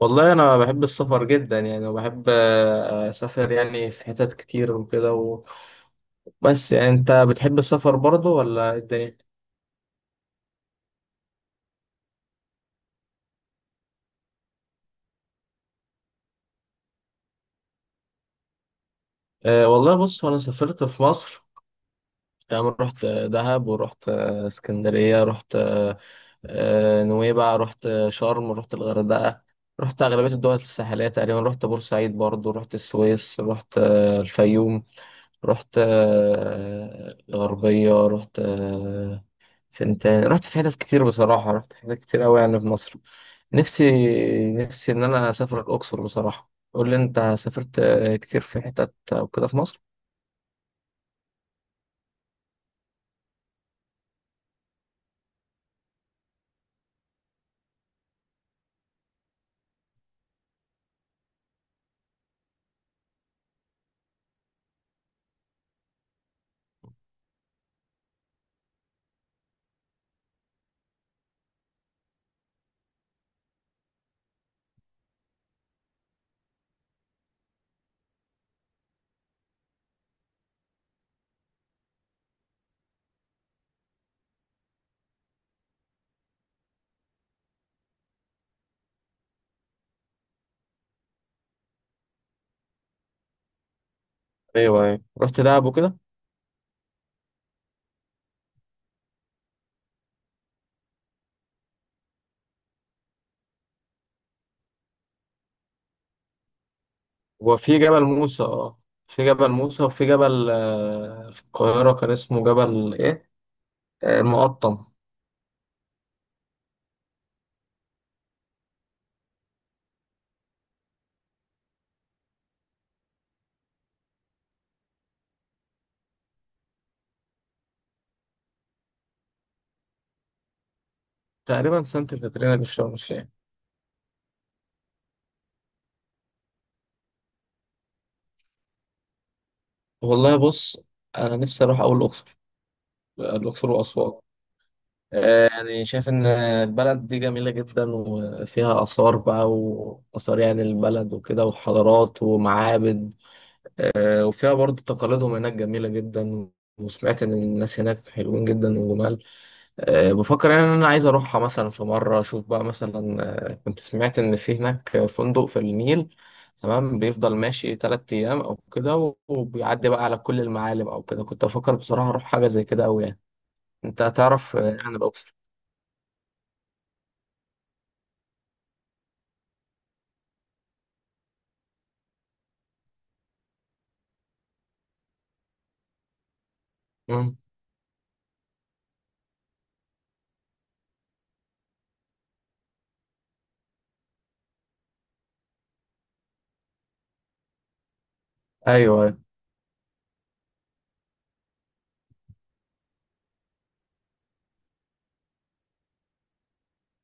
والله انا بحب السفر جدا يعني وبحب اسافر يعني في حتت كتير بس يعني انت بتحب السفر برضه ولا إيه الدنيا؟ أه والله بص انا سافرت في مصر. يعني رحت دهب ورحت اسكندرية، رحت نويبع، رحت شرم، رحت الغردقة، رحت أغلبية الدول الساحلية تقريبا، رحت بورسعيد برضو، رحت السويس، رحت الفيوم، رحت الغربية، رحت فانت رحت في حتت كتير، بصراحة رحت في حتت كتير قوي يعني في مصر. نفسي نفسي ان انا اسافر الاقصر بصراحة. قول لي انت سافرت كتير في حتت وكده في مصر؟ ايوه، ايوه، رحت دهب وكده. وفي جبل موسى، اه في جبل موسى، وفي جبل في القاهرة كان اسمه جبل ايه؟ المقطم، تقريبا سانت كاترينا اللي في شرم الشيخ. والله بص، انا نفسي اروح اول الاقصر، الاقصر واسوان. يعني شايف إن البلد دي جميلة جدا، وفيها آثار بقى وآثار يعني البلد وكده، وحضارات ومعابد. وفيها برضو تقاليدهم هناك جميلة جدا، وسمعت إن الناس هناك حلوين جدا وجمال. بفكر يعني إن أنا عايز أروحها مثلا في مرة أشوف بقى مثلا. كنت سمعت إن في هناك فندق في النيل، تمام، بيفضل ماشي تلات أيام أو كده، وبيعدي بقى على كل المعالم أو كده. كنت بفكر بصراحة أروح حاجة زي كده أوي يعني. أنت تعرف عن الأقصر؟ ايوه، أيوة.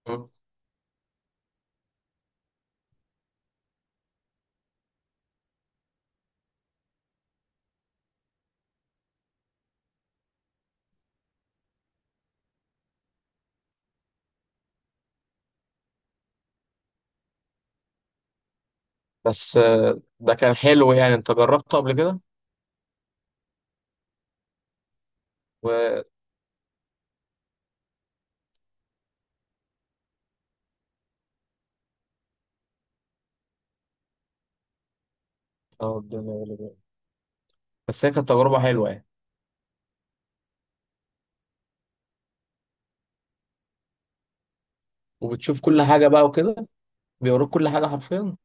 مم. بس ده كان حلو، يعني انت جربته قبل كده؟ و آه، الدنيا غالية. بس هي كانت تجربه حلوه يعني. وبتشوف كل حاجه بقى وكده، بيوروك كل حاجه حرفيا.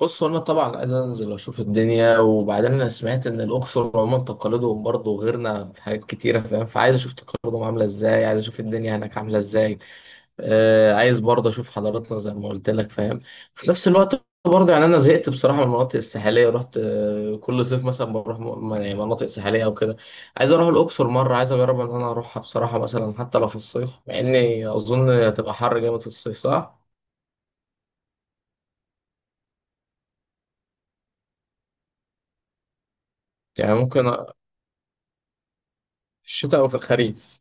بص، هو انا طبعا عايز انزل اشوف الدنيا، وبعدين انا سمعت ان الاقصر عموما تقاليدهم برضه غيرنا في حاجات كتيره، فاهم؟ فعايز اشوف تقاليدهم عامله ازاي، عايز اشوف الدنيا هناك عامله ازاي. عايز برضه اشوف حضاراتنا زي ما قلت لك، فاهم؟ في نفس الوقت برضه يعني انا زهقت بصراحه من المناطق الساحليه. رحت كل صيف مثلا بروح يعني مناطق ساحليه او كده. عايز اروح الاقصر مره، عايز اجرب ان انا اروحها بصراحه مثلا، حتى لو في الصيف، مع اني اظن هتبقى حر جامد في الصيف، صح؟ يعني ممكن في الشتاء او في الخريف.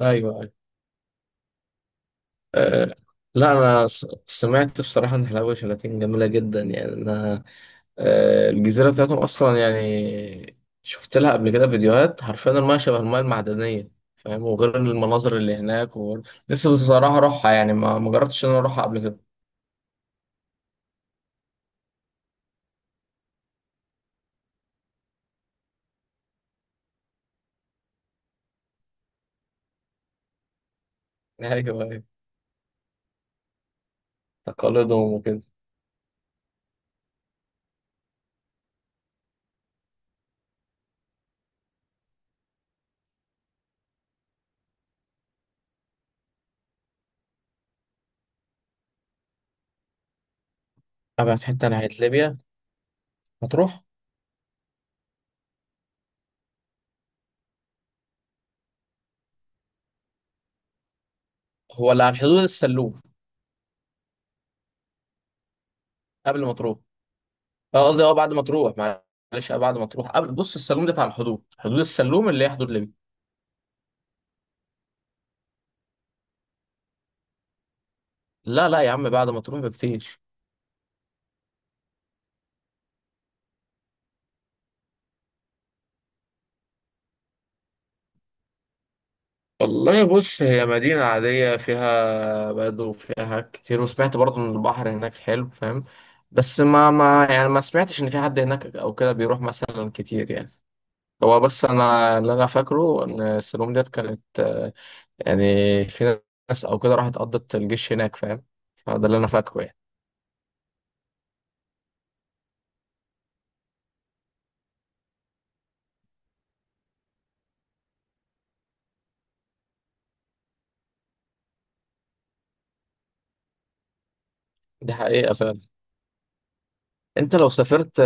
ايوه، أيوة. أه. لا، انا سمعت بصراحه ان حلاوه شلاتين جميله جدا يعني. انا الجزيرة بتاعتهم أصلا يعني، شفت لها قبل كده فيديوهات، حرفيا المياه شبه المياه المعدنية، فاهم؟ وغير المناظر اللي هناك، نفسي بصراحة أروحها يعني، ما جربتش إن أنا أروحها قبل كده. أيوه، أيوه، تقاليدهم وكده. أبعد حتة ناحية ليبيا، مطروح. هو اللي على الحدود السلوم. قبل ما تروح. أه قصدي أه بعد ما تروح، معلش، أه بعد ما تروح. قبل بص، السلوم ده على الحدود، حدود السلوم اللي هي حدود ليبيا. لا لا يا عم، بعد ما تروح بكتير. والله بص، هي مدينة عادية، فيها بدو وفيها كتير، وسمعت برضه إن البحر هناك حلو، فاهم؟ بس ما يعني ما سمعتش إن في حد هناك أو كده بيروح مثلا كتير يعني. هو بس أنا اللي أنا فاكره إن السلوم ديت كانت يعني، في ناس أو كده راحت قضت الجيش هناك، فاهم؟ فده اللي أنا فاكره يعني. دي حقيقة فعلا. أنت لو سافرت،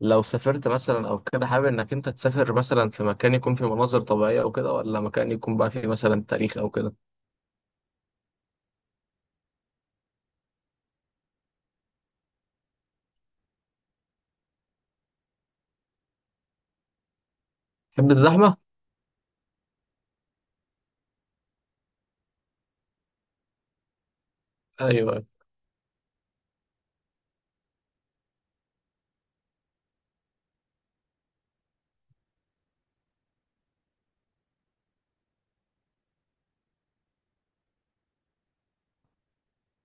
لو سافرت مثلا أو كده، حابب إنك أنت تسافر مثلا في مكان يكون فيه مناظر طبيعية أو كده، ولا مكان يكون بقى فيه مثلا تاريخ أو كده؟ تحب الزحمة؟ ايوه.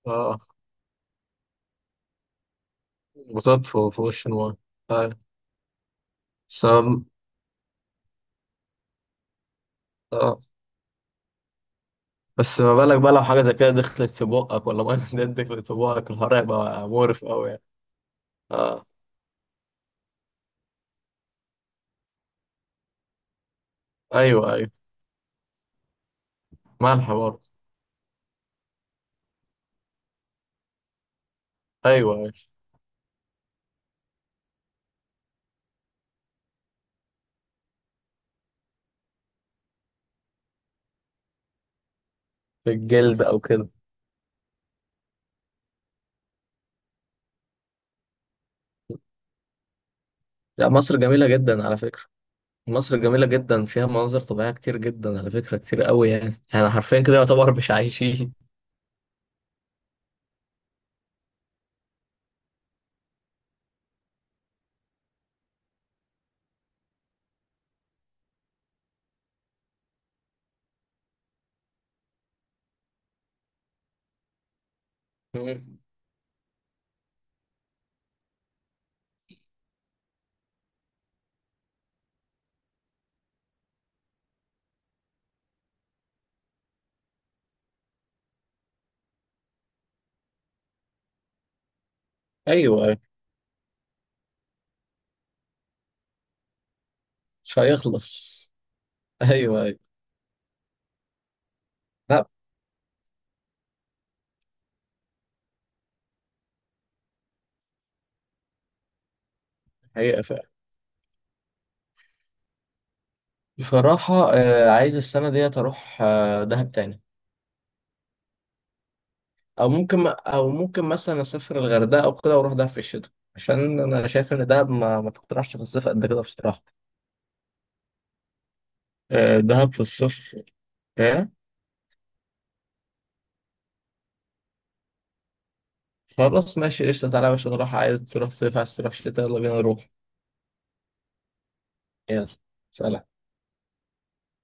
اه، بطاط فوق فوق وش النار. ايوه. بس أنا- اه. بس ما بالك بقى لو حاجه زي كده دخلت في بقك، ولا ميه دي دخلت في بقك، الحوار هيبقى مقرف قوي يعني. اه. ايوه، ايوه. ملح برضه. ايوه، ايوه. في الجلد او كده. لا مصر جميله جدا على فكره، مصر جميله جدا فيها مناظر طبيعيه كتير جدا على فكره، كتير قوي يعني، يعني حرفيا كده يعتبر مش عايشين. مم. ايوه، ايوه. مش هيخلص. ايوه، ايوه. لا. حقيقه فعلا. بصراحة عايز السنة ديت أروح دهب تاني. أو ممكن، أو ممكن مثلا أسافر الغردقة أو كده، وأروح دهب في الشتاء، عشان أنا شايف إن دهب ما تقترحش في الصيف قد كده بصراحة. دهب في الصيف. إيه؟ خلاص ماشي، قشطة، تعالى يا باشا نروح، عايز تروح صيف، عايز تروح شتاء، يلا بينا نروح. يلا. سلام.